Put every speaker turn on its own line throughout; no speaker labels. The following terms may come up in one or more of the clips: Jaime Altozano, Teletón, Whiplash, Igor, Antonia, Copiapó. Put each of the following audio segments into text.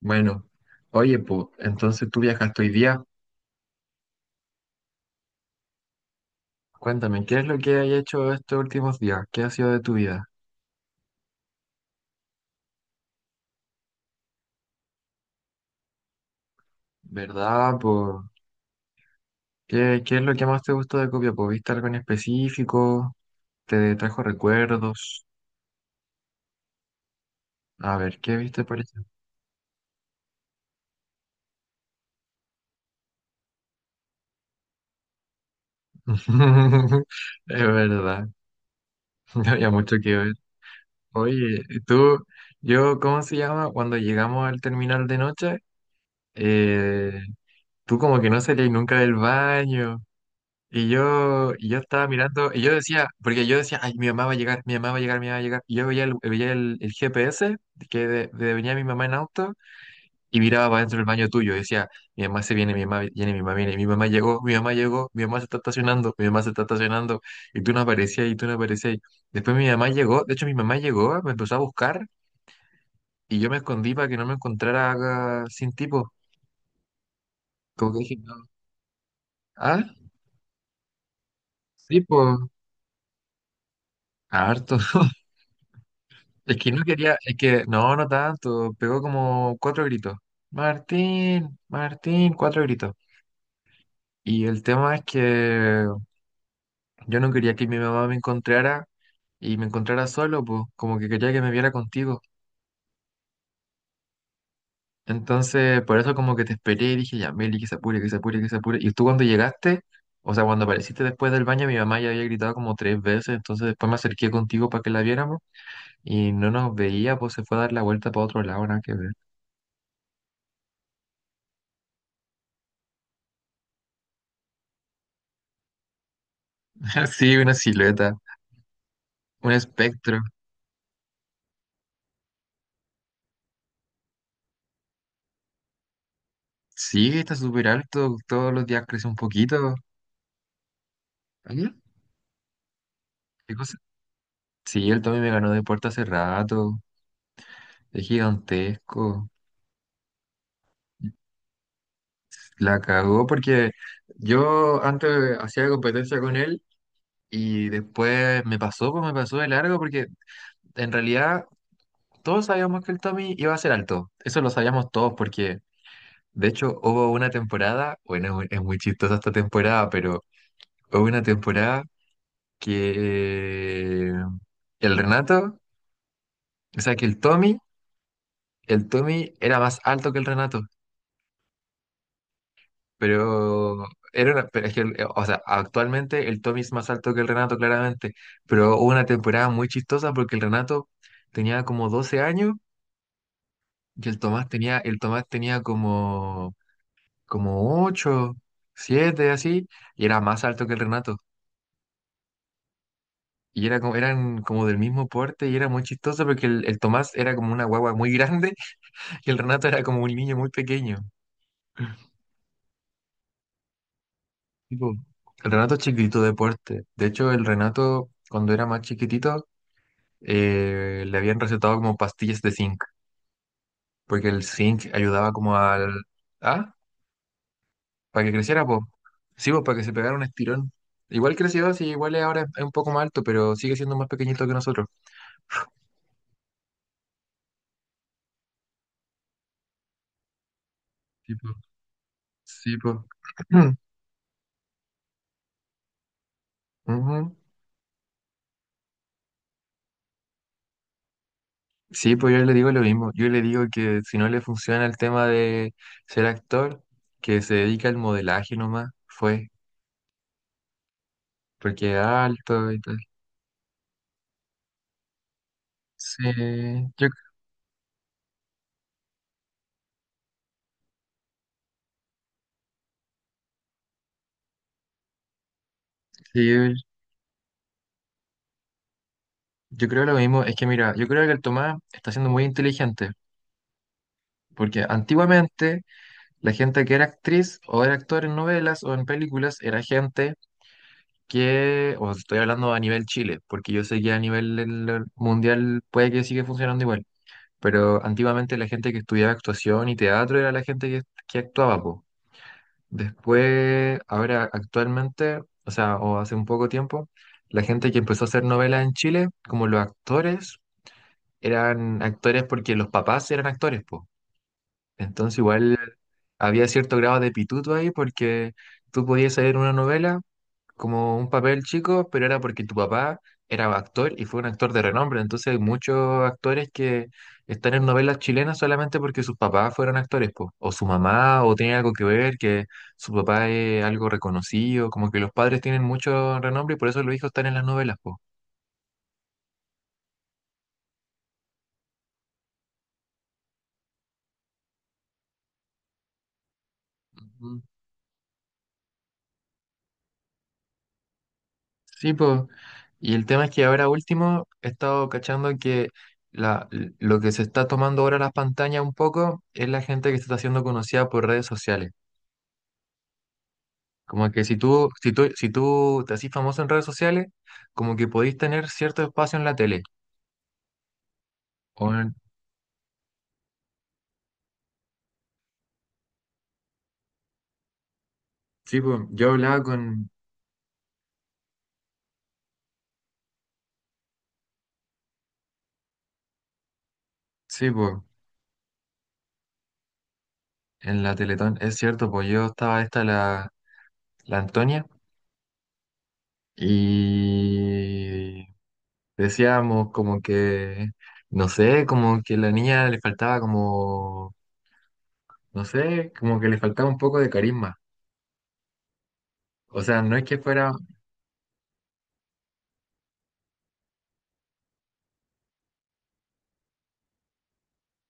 Bueno, oye, pues, entonces tú viajaste hoy día. Cuéntame, ¿qué es lo que has hecho estos últimos días? ¿Qué ha sido de tu vida? ¿Verdad, po? ¿Qué es lo que más te gustó de Copiapó? ¿Viste algo en específico? ¿Te trajo recuerdos? A ver, ¿qué viste por allá? Es verdad, no había mucho que ver. Oye, ¿y tú, yo, ¿cómo se llama? Cuando llegamos al terminal de noche, eh, tú como que no salías nunca del baño. Y yo estaba mirando, y yo decía, porque yo decía, ay, mi mamá va a llegar, mi mamá va a llegar, mi mamá va a llegar. Y yo veía el GPS que de venía mi mamá en auto y miraba para dentro del baño tuyo. Y decía, mi mamá se viene, mi mamá viene, mi mamá viene, mi mamá llegó, mi mamá llegó, mi mamá se está estacionando, mi mamá se está estacionando. Y tú no aparecías, y tú no aparecías. Después mi mamá llegó, de hecho mi mamá llegó, me empezó a buscar y yo me escondí para que no me encontrara ah, sin tipo. Como que dije, no. Ah, sí, pues, harto. Es que no quería, es que no, no tanto, pegó como cuatro gritos. Martín, Martín, cuatro gritos. Y el tema es que yo no quería que mi mamá me encontrara y me encontrara solo, pues, como que quería que me viera contigo. Entonces, por eso como que te esperé y dije, ya, Meli, que se apure, que se apure, que se apure. Y tú cuando llegaste, o sea, cuando apareciste después del baño, mi mamá ya había gritado como tres veces, entonces después me acerqué contigo para que la viéramos y no nos veía, pues se fue a dar la vuelta para otro lado, nada que ver. Sí, una silueta. Un espectro. Sí, está súper alto. Todos los días crece un poquito. ¿Allá? ¿Qué cosa? Sí, el Tommy me ganó de puerta hace rato. Es gigantesco. La cagó porque yo antes hacía competencia con él y después me pasó, pues me pasó de largo porque en realidad todos sabíamos que el Tommy iba a ser alto. Eso lo sabíamos todos porque de hecho hubo una temporada, bueno, es muy chistosa esta temporada, pero hubo una temporada que el Renato, o sea, que el Tommy era más alto que el Renato, pero era una- pero es que, el- o sea, actualmente el Tommy es más alto que el Renato, claramente, pero hubo una temporada muy chistosa porque el Renato tenía como 12 años y el Tomás tenía como, como 8, 7 así, y era más alto que el Renato. Y era como, eran como del mismo porte y era muy chistoso porque el Tomás era como una guagua muy grande que el Renato era como un niño muy pequeño. Tipo, el Renato es chiquitito de porte. De hecho, el Renato, cuando era más chiquitito, le habían recetado como pastillas de zinc, porque el zinc ayudaba como al... Ah, para que creciera, pues. Sí, pues, para que se pegara un estirón. Igual creció, sí, igual es ahora es un poco más alto, pero sigue siendo más pequeñito que nosotros. Sí, pues. Sí, pues. Ujú. Sí, pues yo le digo lo mismo. Yo le digo que si no le funciona el tema de ser actor, que se dedica al modelaje nomás, fue, porque es alto y tal. Sí, yo, sí, yo creo lo mismo. Es que mira, yo creo que el Tomás está siendo muy inteligente, porque antiguamente la gente que era actriz o era actor en novelas o en películas era gente que, o estoy hablando a nivel Chile, porque yo sé que a nivel del- mundial puede que siga funcionando igual. Pero antiguamente la gente que estudiaba actuación y teatro era la gente que actuaba, po. Después, ahora actualmente, o sea, o hace un poco tiempo, la gente que empezó a hacer novelas en Chile, como los actores, eran actores porque los papás eran actores, po. Entonces igual había cierto grado de pituto ahí porque tú podías leer una novela como un papel chico, pero era porque tu papá era actor y fue un actor de renombre. Entonces hay muchos actores que están en novelas chilenas solamente porque sus papás fueron actores, po. O su mamá, o tiene algo que ver, que su papá es algo reconocido, como que los padres tienen mucho renombre y por eso los hijos están en las novelas, po. Ujú. Sí, pues. Y el tema es que ahora último he estado cachando que la, lo que se está tomando ahora las pantallas un poco es la gente que se está haciendo conocida por redes sociales. Como que si tú te haces famoso en redes sociales, como que podéis tener cierto espacio en la tele. O en- sí, pues, yo hablaba con, sí, pues, en la Teletón, es cierto, pues yo estaba esta la, la Antonia y decíamos como que, no sé, como que a la niña le faltaba como, no sé, como que le faltaba un poco de carisma. O sea, no es que fuera,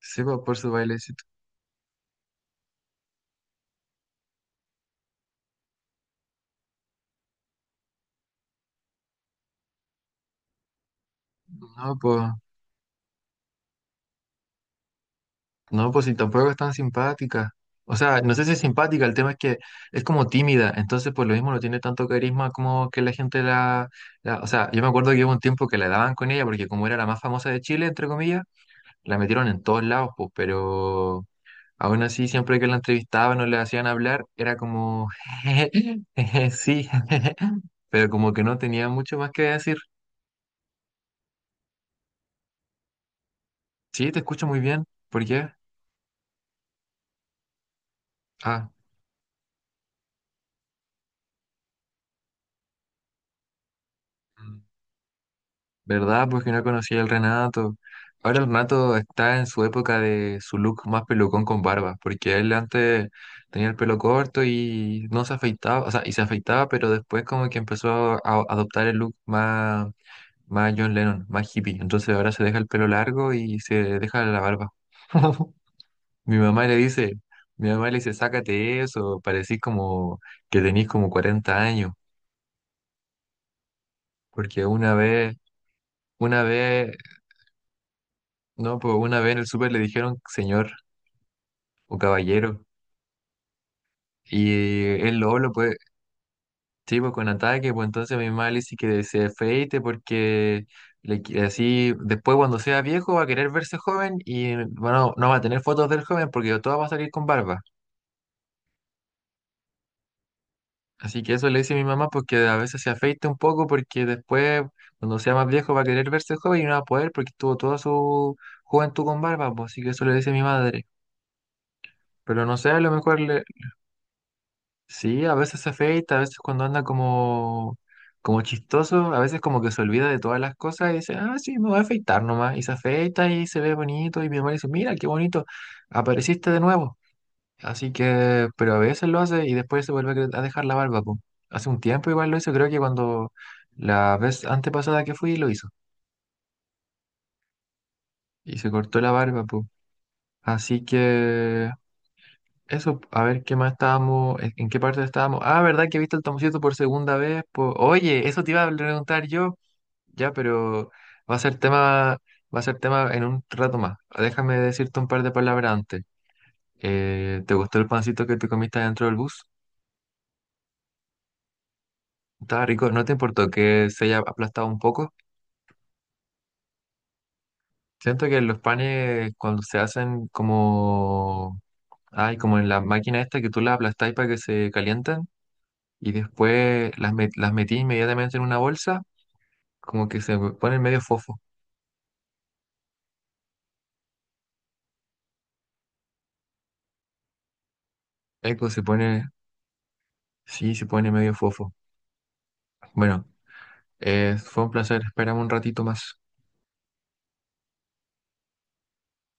sí, pues, por su bailecito, no, pues. No, pues si tampoco es tan simpática. O sea, no sé si es simpática, el tema es que es como tímida, entonces por lo mismo no tiene tanto carisma como que la gente la, la- O sea, yo me acuerdo que hubo un tiempo que la daban con ella porque como era la más famosa de Chile, entre comillas, la metieron en todos lados, pues, pero aún así siempre que la entrevistaban o le hacían hablar, era como... sí, pero como que no tenía mucho más que decir. Sí, te escucho muy bien. ¿Por qué? Ah. ¿Verdad? Pues que no conocía al Renato. Ahora el Renato está en su época de su look más pelucón con barba, porque él antes tenía el pelo corto y no se afeitaba, o sea, y se afeitaba, pero después como que empezó a adoptar el look más, más John Lennon, más hippie. Entonces ahora se deja el pelo largo y se deja la barba. Mi mamá le dice, mi mamá le dice, sácate eso, parecís como que tenís como 40 años, porque una vez... Una vez no, pues una vez en el súper le dijeron señor o caballero. Y el lobo lo puede, sí, pues con ataque, pues entonces mi mamá le dice que se afeite porque le qui- así después cuando sea viejo va a querer verse joven y bueno, no va a tener fotos del joven porque todo va a salir con barba. Así que eso le dice mi mamá porque a veces se afeite un poco porque después cuando sea más viejo va a querer verse joven y no va a poder porque tuvo toda su juventud con barba, pues así que eso le dice mi madre. Pero no sé, a lo mejor sí, a veces se afeita, a veces cuando anda como, como chistoso, a veces como que se olvida de todas las cosas y dice, ah, sí, me voy a afeitar nomás. Y se afeita y se ve bonito y mi mamá le dice, mira, qué bonito, apareciste de nuevo. Así que, pero a veces lo hace y después se vuelve a cre- a dejar la barba, po. Hace un tiempo igual lo hizo, creo que cuando la vez antepasada que fui lo hizo. Y se cortó la barba, po. Así que... Eso, a ver qué más estábamos, en qué parte estábamos. Ah, ¿verdad que viste el Tomoncito por segunda vez? Po- Oye, eso te iba a preguntar yo. Ya, pero va a ser tema, va a ser tema en un rato más. Déjame decirte un par de palabras antes. ¿Te gustó el pancito que te comiste dentro del bus? Estaba rico, ¿no te importó que se haya aplastado un poco? Siento que los panes cuando se hacen como, ay, como en la máquina esta que tú la aplastáis para que se calienten, y después las, met- las metí inmediatamente en una bolsa, como que se pone medio fofo. Eco se pone, sí, se pone medio fofo. Bueno, fue un placer, espérame un ratito más.